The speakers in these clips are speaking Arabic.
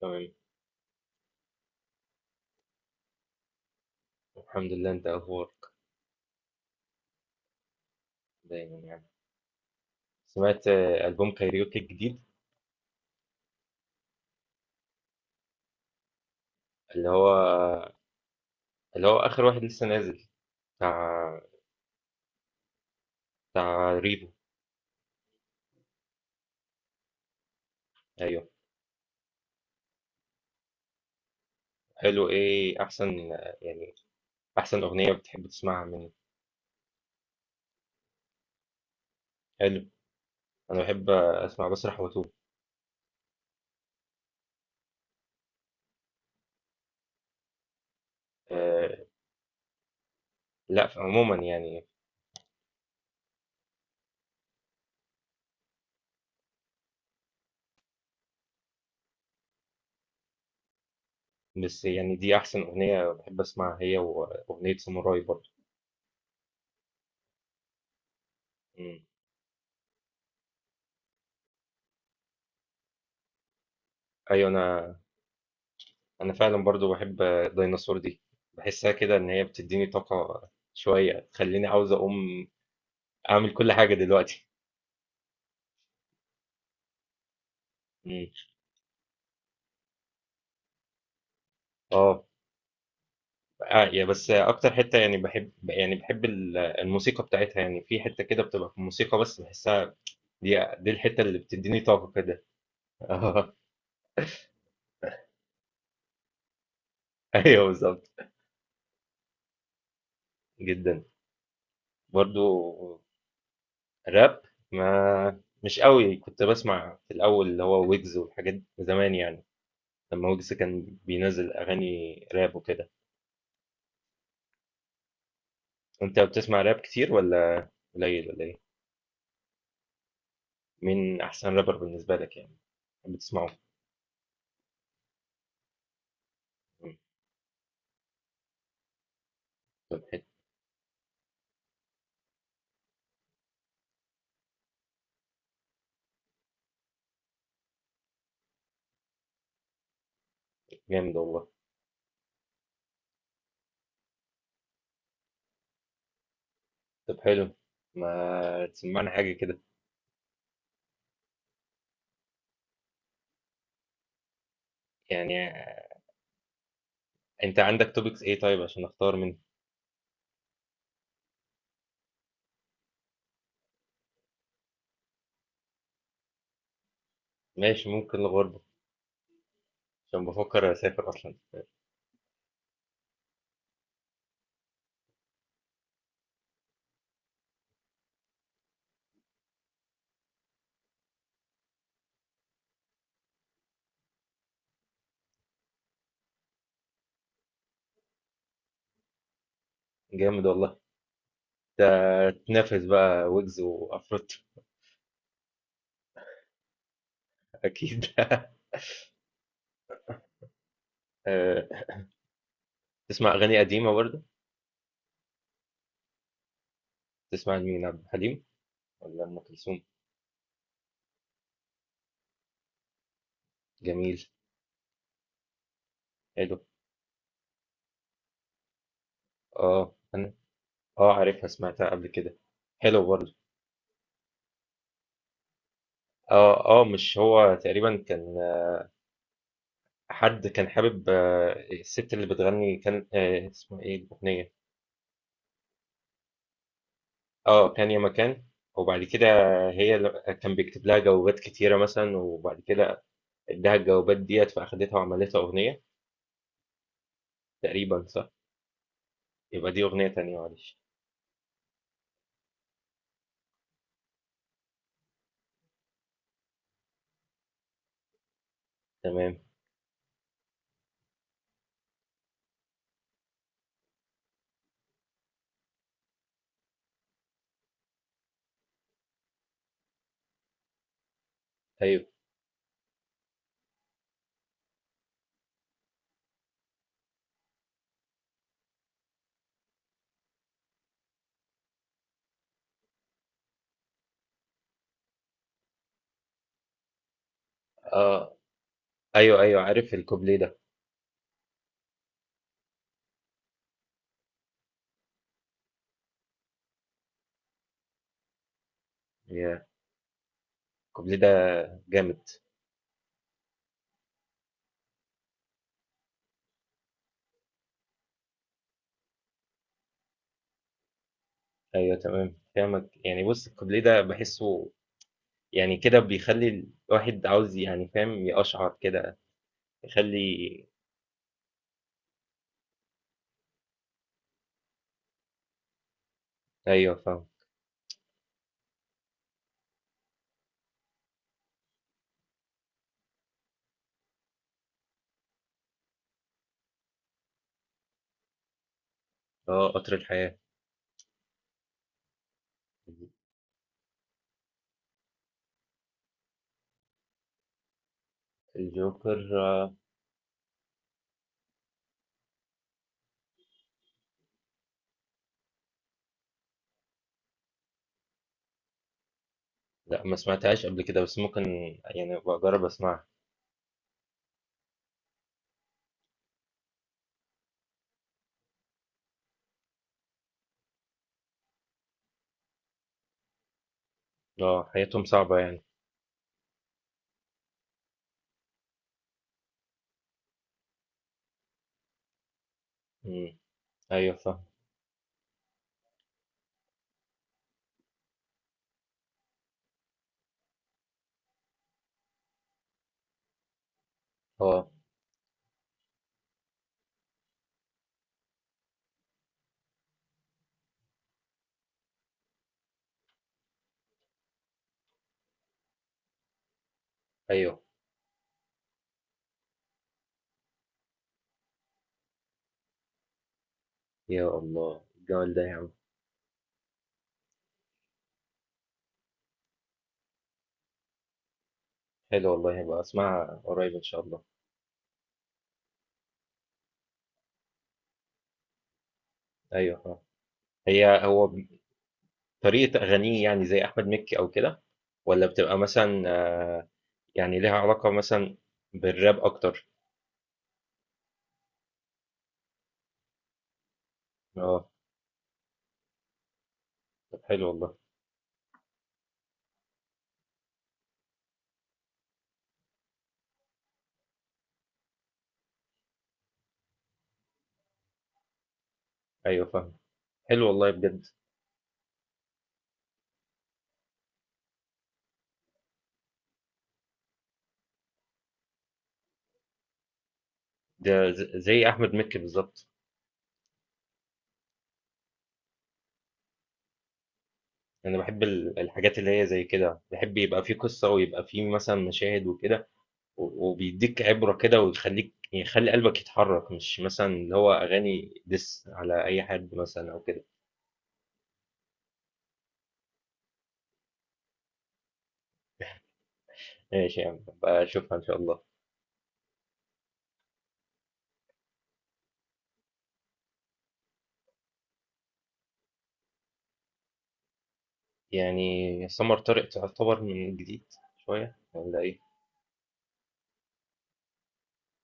تمام. الحمد لله، انت اخبارك؟ دايما يعني. سمعت البوم كايريوكي الجديد؟ اللي هو اللي هو اخر واحد لسه نازل، بتاع، بتاع ريفو. ايوه. حلو، ايه احسن يعني احسن اغنيه بتحب تسمعها منه؟ حلو. انا بحب اسمع بسرح واتوه. أه. لا، عموما يعني. بس يعني دي احسن اغنيه بحب اسمعها، هي واغنيه ساموراي برضه. مم. ايوه انا فعلا برضو بحب الديناصور دي. بحسها كده ان هي بتديني طاقة شوية، تخليني عاوز اقوم اعمل كل حاجة دلوقتي. مم. اه. يا بس اكتر حتة يعني بحب، يعني بحب الموسيقى بتاعتها. يعني في حتة كده بتبقى في الموسيقى بس بحسها، دي الحتة اللي بتديني طاقة كده. اه، ايوه بالظبط. جدا. برضو. راب. ما مش قوي، كنت بسمع في الاول اللي هو ويجز والحاجات زمان يعني، لما ويجز كان بينزل اغاني راب وكده. انت بتسمع راب كتير ولا قليل ولا ايه؟ مين احسن رابر بالنسبه لك يعني بتحب تسمعه؟ مم. طب حلو. جامد والله. طب حلو، ما تسمعنا حاجه كده. يعني انت عندك توبكس ايه طيب عشان اختار منه؟ ماشي، ممكن الغربه، عشان بفكر اسافر اصلا. جامد والله. ده تنافس بقى ويجز وافروت. اكيد. آه، تسمع اغاني قديمه برضه؟ تسمع مين، عبد الحليم ولا ام كلثوم؟ جميل. حلو. اه انا. اه عارفها، سمعتها قبل كده، حلو برضه. اه اه، مش هو تقريبا كان، حد كان حابب الست اللي بتغني، كان اسمها ايه الاغنيه؟ اه، كان يا مكان. وبعد كده هي كان بيكتب لها جوابات كتيره مثلا، وبعد كده اداها الجوابات ديت، فاخدتها وعملتها اغنيه. تقريبا صح؟ يبقى دي اغنيه تانية، معلش. تمام. ايوه. اه ايوه ايوه، عارف الكوبليه ده. يا، الكوبليه ده جامد. ايوه تمام فاهمك. يعني بص، الكوبليه ده بحسه، يعني كده بيخلّي الواحد عاوز، يعني فاهم، يقشعر كده، يخلّي. أيوه فاهمه. قطر الحياة. الجوكر لأ ما سمعتهاش قبل كده، بس ممكن يعني أبقى أجرّب أسمعها. حياتهم صعبة يعني. إمم، أيوه فاهمه. آه، أيوه. يا الله! الجمال ده يا عم. حلو والله، هابقى أسمعها قريب إن شاء الله. أيوه فاهمه. هي هو ب، طريقة أغانيه يعني زي أحمد مكي أو كده، والّا بتبقى مثلًا يعني ليها علاقة مثلًا بالراب أكتر؟ آه، طب حلو والله. أيوه فاهمك. حلو والله بجد. ده زي أحمد مكي بالضبط. أنا باحب الحاجات اللي هي زي كده، باحب يبقى في قصة ويبقى في مثلًا مشاهد وكده، و وبيدّيك عبرة كده ويخلّيك، يعني يخلّي قلبك يتحرّك، مش مثلًا اللي هو أغاني diss على أي حد مثلًا أو كده. ماشي يا عم، هابقى أشوفها إن شاء الله. يعني سمر طارق تعتبر من الجديد شوية والّا إيه؟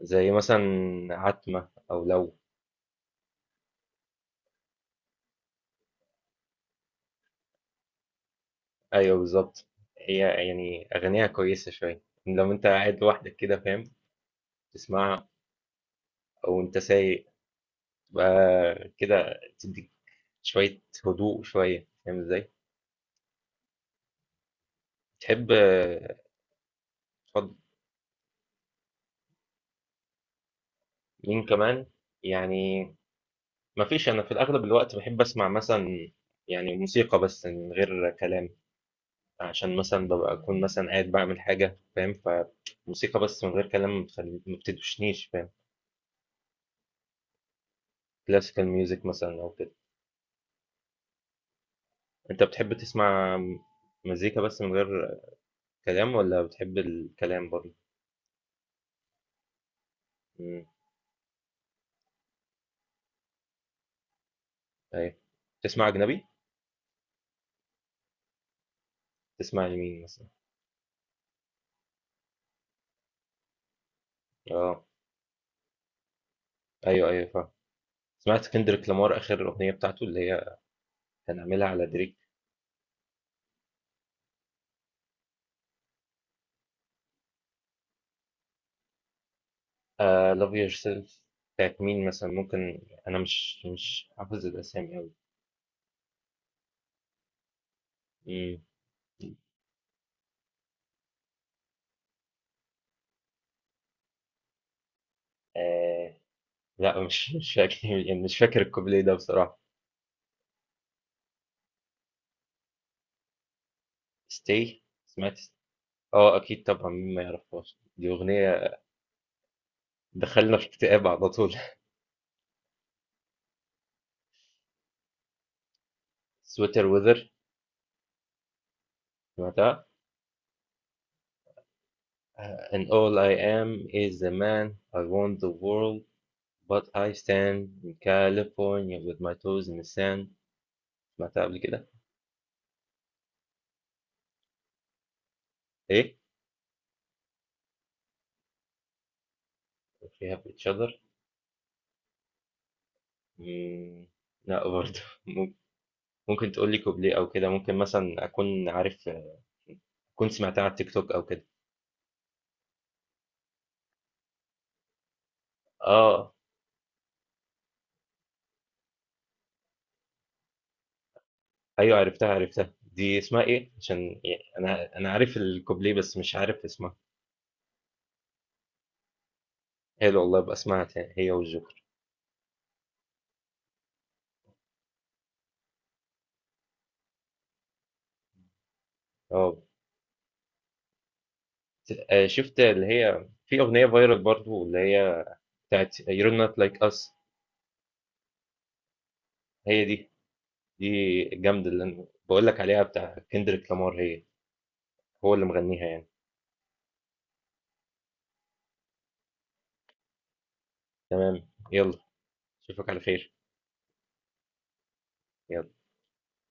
زي مثلًا عتمة أو لو. أيوه بالضبط. هي، يعني أغانيها كويسة شوية، لو أنت قاعد لوحدك كده فاهم؟ تسمعها او انت سايق بقى كده، تديك شوية هدوء شوية، فاهم ازاي؟ تحب اتفضل. مين كمان؟ يعني مفيش، انا في الاغلب الوقت بحب اسمع مثلا، يعني موسيقى بس من غير كلام، عشان مثلا ببقى اكون مثلا قاعد بعمل حاجة فاهم، فموسيقى بس من غير كلام ما بتدوشنيش فاهم. كلاسيكال ميوزك مثلا او كده. انت بتحب تسمع مزيكا بس من غير كلام ولا بتحب الكلام برضه؟ مم، ايوه. تسمع اجنبي؟ تسمع لمين مثلًا؟ آه، أيوه، أيوه فاهمك. سمعت كندريك لامار آخر الأغنية بتاعته اللي هي كان عاملها على دريك؟ Love yourself، بتاعة مين مثلًا ممكن؟ أنا مش حافظ الأسامي أوي. إمم، آآ لأ، مش فاكر، يعني مش فاكر الكوبليه ده بصراحة. stay. سمعت، أكيد طبعًا، مين ما يعرفهاش، دي أغنية تدخّلنا في اكتئاب على طول. sweater weather، سمعتها؟ And all I am is a man I want the world, but I stand in California with my toes in the sand. سمعتها قبل كده؟ ايه. we have each other. مم، لا برضه. مم- ممكن تقول لي كوبليه او كده، ممكن مثلا اكون عارف، كنت سمعتها على التيك توك او كده. اه ايوه، عرفتها عرفتها. دي اسمها ايه؟ عشان يعني انا عارف الكوبليه بس مش عارف اسمها. حلو والله، ابقى اسمعها تاني هي والجوكر. اه. شفت اللي هي في اغنيه فايرال برضه، اللي هي بتاعت You're not like us؟ هي دي، دي جامدة، اللي أنا بقول لك عليها بتاع كندريك لامار، هي هو اللي مغنيها يعني. تمام، يلا. أشوفك على خير. يلا.